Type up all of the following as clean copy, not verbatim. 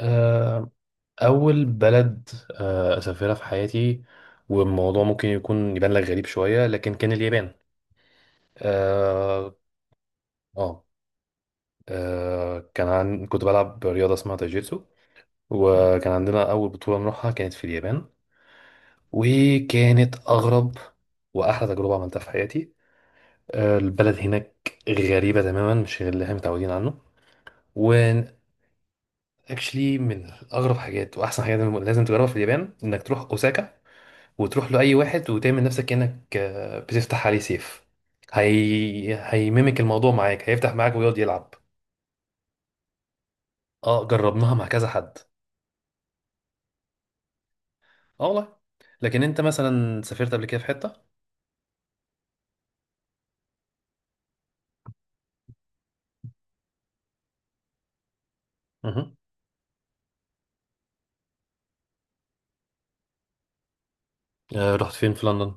آه، أول بلد أسافرها في حياتي. والموضوع ممكن يكون يبان لك غريب شوية، لكن كان اليابان. آه آه كنت بلعب رياضة اسمها تايجيتسو، وكان عندنا أول بطولة نروحها كانت في اليابان، وكانت أغرب وأحلى تجربة عملتها في حياتي. البلد هناك غريبة تماما، مش غير اللي احنا متعودين عنه. و actually من أغرب حاجات وأحسن حاجات لازم تجربها في اليابان إنك تروح أوساكا، وتروح له اي واحد وتعمل نفسك كأنك بتفتح عليه سيف. هيميمك الموضوع معاك، هيفتح معاك ويقعد يلعب. اه، جربناها مع كذا حد. اه والله. لكن انت مثلا سافرت قبل كده في حتة؟ مه. رحت فين في لندن؟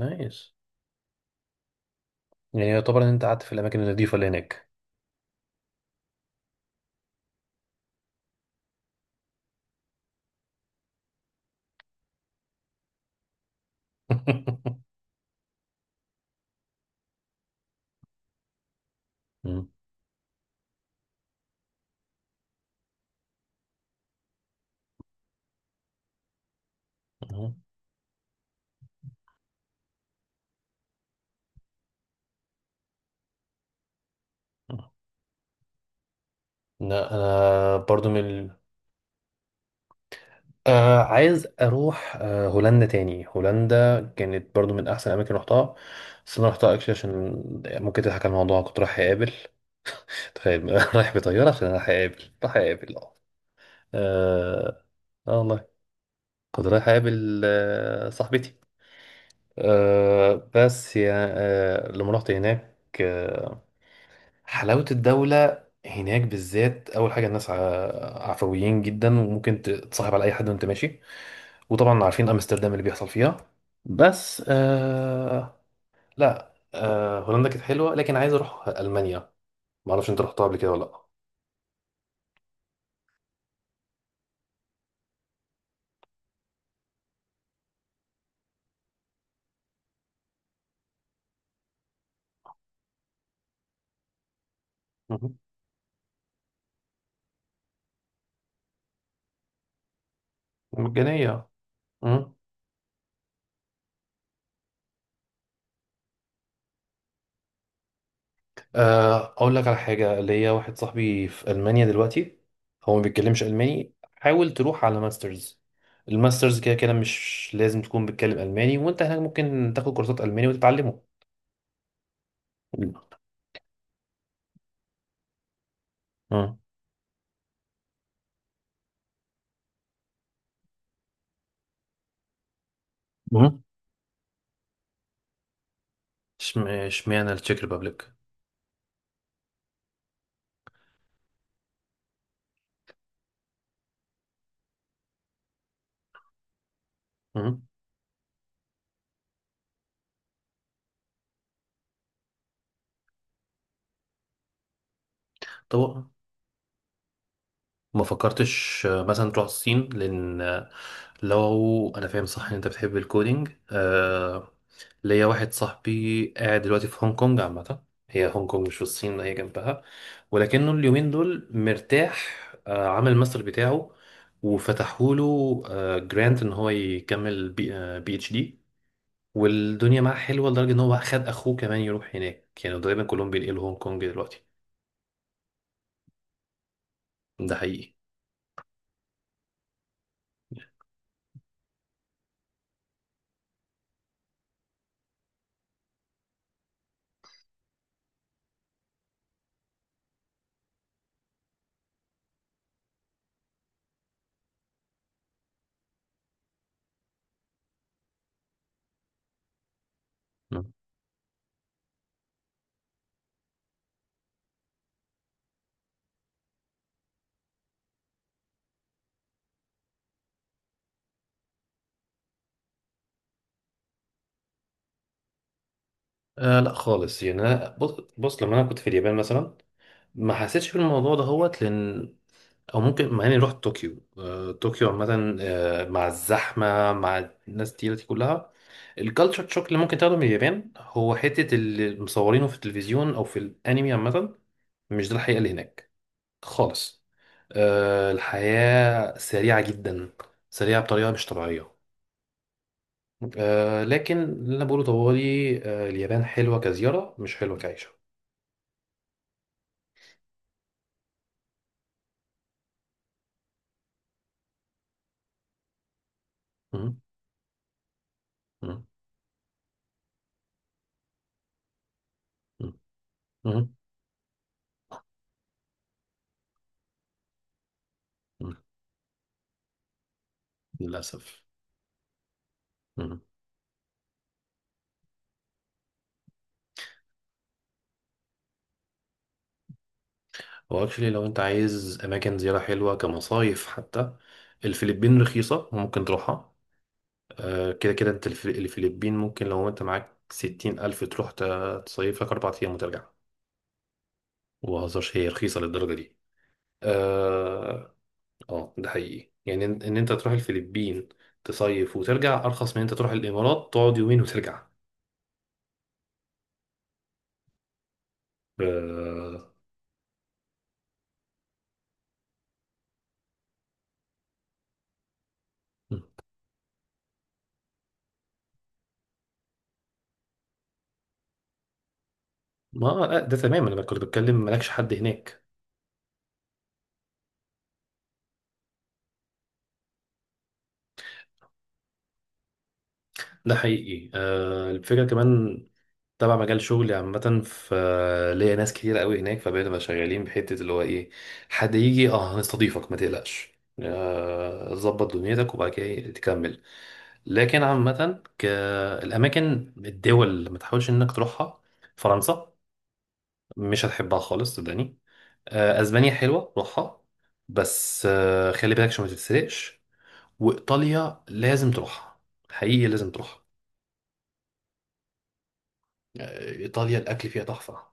نايس. يعني يعتبر ان انت قعدت في الاماكن النظيفة اللي هناك. مم. مم. لا، انا برضو عايز اروح هولندا تاني. هولندا كانت برضو من احسن الاماكن رحتها، بس انا رحتها اكشلي عشان ممكن تضحك على الموضوع. كنت رايح اقابل، تخيل، رايح بطياره عشان رايح اقابل. اه اه. آه والله. كنت رايح اقابل صاحبتي. بس يا آه لما رحت هناك، حلاوه الدوله هناك بالذات. اول حاجه الناس عفويين جدا، وممكن تتصاحب على اي حد وانت ماشي. وطبعا عارفين امستردام اللي بيحصل فيها. بس لا، هولندا كانت حلوه، لكن عايز اروح المانيا. ما اعرفش انت رحتها قبل كده ولا لا؟ مهم. مجانيه. مهم. اقول لك على حاجه، ليا واحد صاحبي في المانيا دلوقتي، هو ما بيتكلمش الماني، حاول تروح على ماسترز. الماسترز كده كده مش لازم تكون بتتكلم الماني، وانت هناك ممكن تاخد كورسات الماني وتتعلمه. مم. مهم. اشمعنى التشيك ريبابليك؟ مم. طب، ما فكرتش مثلا تروح الصين؟ لان لو انا فاهم صح ان انت بتحب الكودينج، ليا واحد صاحبي قاعد دلوقتي في هونج كونج عامه. هي هونج كونج مش في الصين، هي جنبها، ولكنه اليومين دول مرتاح. عمل الماستر بتاعه، وفتحوله جرانت ان هو يكمل بي اتش دي. والدنيا معاه حلوه لدرجه ان هو خد اخوه كمان يروح هناك، يعني تقريبا كلهم بينقلوا هونج كونج دلوقتي. ده حقيقي. لا خالص. يعني انا بص، بص لما انا كنت في اليابان مثلا ما حسيتش بالموضوع ده هوت، لان او ممكن مع اني رحت طوكيو. طوكيو عامه مع الزحمه، مع الناس التقيله دي كلها، الكالتشر شوك اللي ممكن تاخده من اليابان هو حته اللي مصورينه في التلفزيون او في الانمي عامه. مش ده الحقيقه اللي هناك خالص. الحياه سريعه جدا، سريعه بطريقه مش طبيعيه. لكن اللي انا بقوله طوالي، اليابان حلوه كزياره، مش حلوه كعيشه. مم. مم. مم. مم. مم. للأسف. مم. هو اكشلي لو انت عايز اماكن زيارة حلوة كمصايف حتى، الفلبين رخيصة وممكن تروحها. كده كده انت الفلبين ممكن لو انت معاك 60 ألف تروح تصيف لك 4 أيام وترجع. مبهزرش هي رخيصة للدرجة دي. اه. ده حقيقي، يعني ان إن انت تروح الفلبين تصيف وترجع أرخص من انت تروح الإمارات تقعد يومين وترجع. آه، ما ده تمام، انا كنت بتكلم مالكش حد هناك. ده حقيقي. الفكرة كمان تبع مجال شغلي عامة، ف ليا ناس كتير قوي هناك، فبقينا بقى شغالين بحتة اللي هو ايه، حد يجي هنستضيفك، ما تقلقش، ظبط دنيتك وبعد كده تكمل. لكن عامة، الأماكن الدول اللي ما تحاولش إنك تروحها، فرنسا، مش هتحبها خالص صدقني. أسبانيا حلوة، روحها، بس خلي بالك عشان ما تتسرقش. وإيطاليا لازم تروحها، حقيقي لازم تروحها. ايطاليا الاكل فيها تحفه.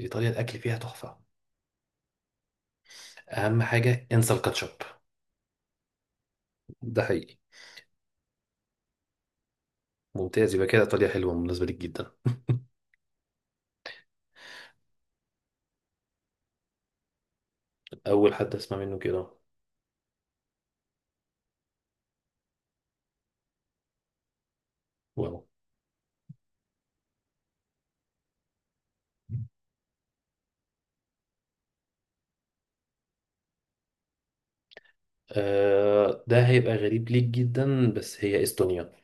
ايطاليا الاكل فيها تحفه. اهم حاجه انسى الكاتشب. ده حقيقي. ممتاز، يبقى كده ايطاليا حلوه بالنسبه ليك جدا. اول حد اسمع منه كده. واو. ده هيبقى غريب ليك جدا، بس هي استونيا.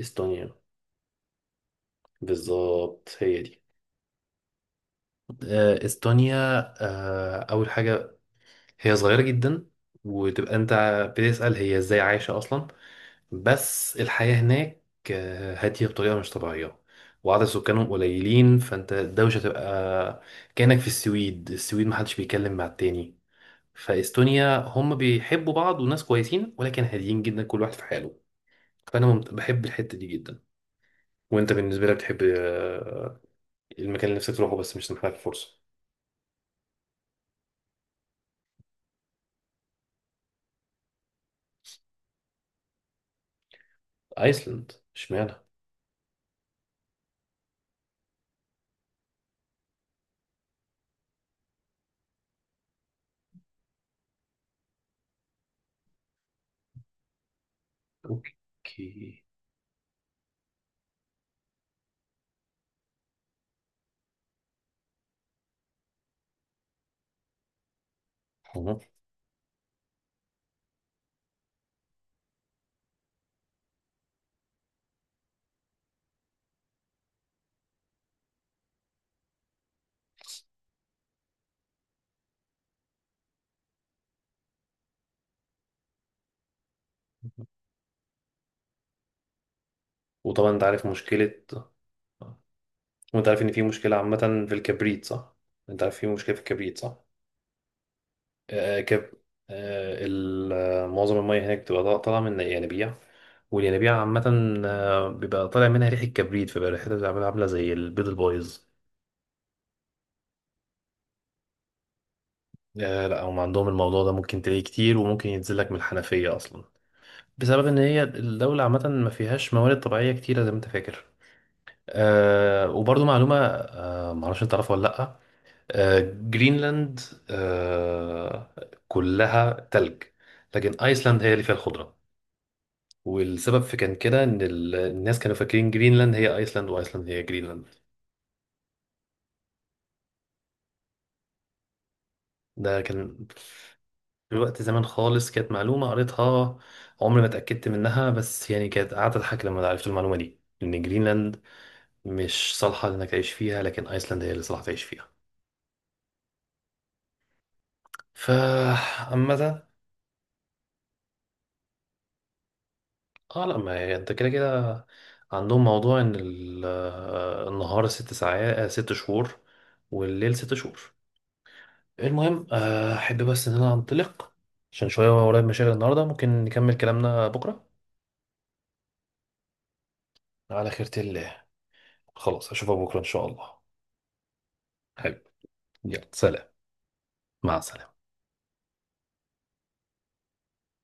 استونيا، بالظبط هي دي. استونيا. اول حاجه هي صغيرة جدا، وتبقى انت بتسأل هي ازاي عايشة اصلا. بس الحياة هناك هادية بطريقة مش طبيعية، وعدد سكانهم قليلين، فانت الدوشة تبقى كأنك في السويد. السويد محدش بيتكلم مع التاني. فاستونيا هم بيحبوا بعض وناس كويسين، ولكن هاديين جدا، كل واحد في حاله. فانا بحب الحتة دي جدا. وانت بالنسبة لك بتحب المكان اللي نفسك تروحه بس مش سامح لك الفرصة؟ ايسلند اشمعنى؟ اوكي. وطبعا انت عارف مشكلة. وانت عارف ان في مشكلة عامة في الكبريت، صح؟ انت عارف في مشكلة في الكبريت، صح؟ آه آه، كب معظم المية هناك بتبقى طالعة من ينابيع. والينابيع عامة بيبقى طالع منها ريحة كبريت، فبقى ريحتها بتبقى عاملة زي البيض البايظ. لا، هم عندهم الموضوع ده ممكن تلاقيه كتير وممكن ينزل لك من الحنفية أصلا، بسبب إن هي الدولة عامة ما فيهاش موارد طبيعية كتيرة زي ما أنت فاكر. وبرضو معلومة، معرفش أنت تعرفها ولا لأ. آه، جرينلاند آه، كلها تلج، لكن ايسلاند هي اللي فيها الخضره. والسبب في كان كده ان الناس كانوا فاكرين جرينلاند هي ايسلاند وايسلاند هي جرينلاند. ده كان في وقت زمان خالص، كانت معلومه قريتها، عمري ما اتاكدت منها، بس يعني كانت قعدت اضحك لما عرفت المعلومه دي، ان جرينلاند مش صالحه انك تعيش فيها، لكن ايسلاند هي اللي صالحه تعيش فيها. فعامة اه لا، ما هي انت كده كده عندهم موضوع ان النهار 6 ساعات، 6 شهور، والليل 6 شهور. المهم، احب بس ان انا انطلق، عشان شوية ورايا مشاغل النهاردة. ممكن نكمل كلامنا بكرة على خيرة الله. خلاص، اشوفك بكرة ان شاء الله. حلو. يلا سلام. مع السلامة.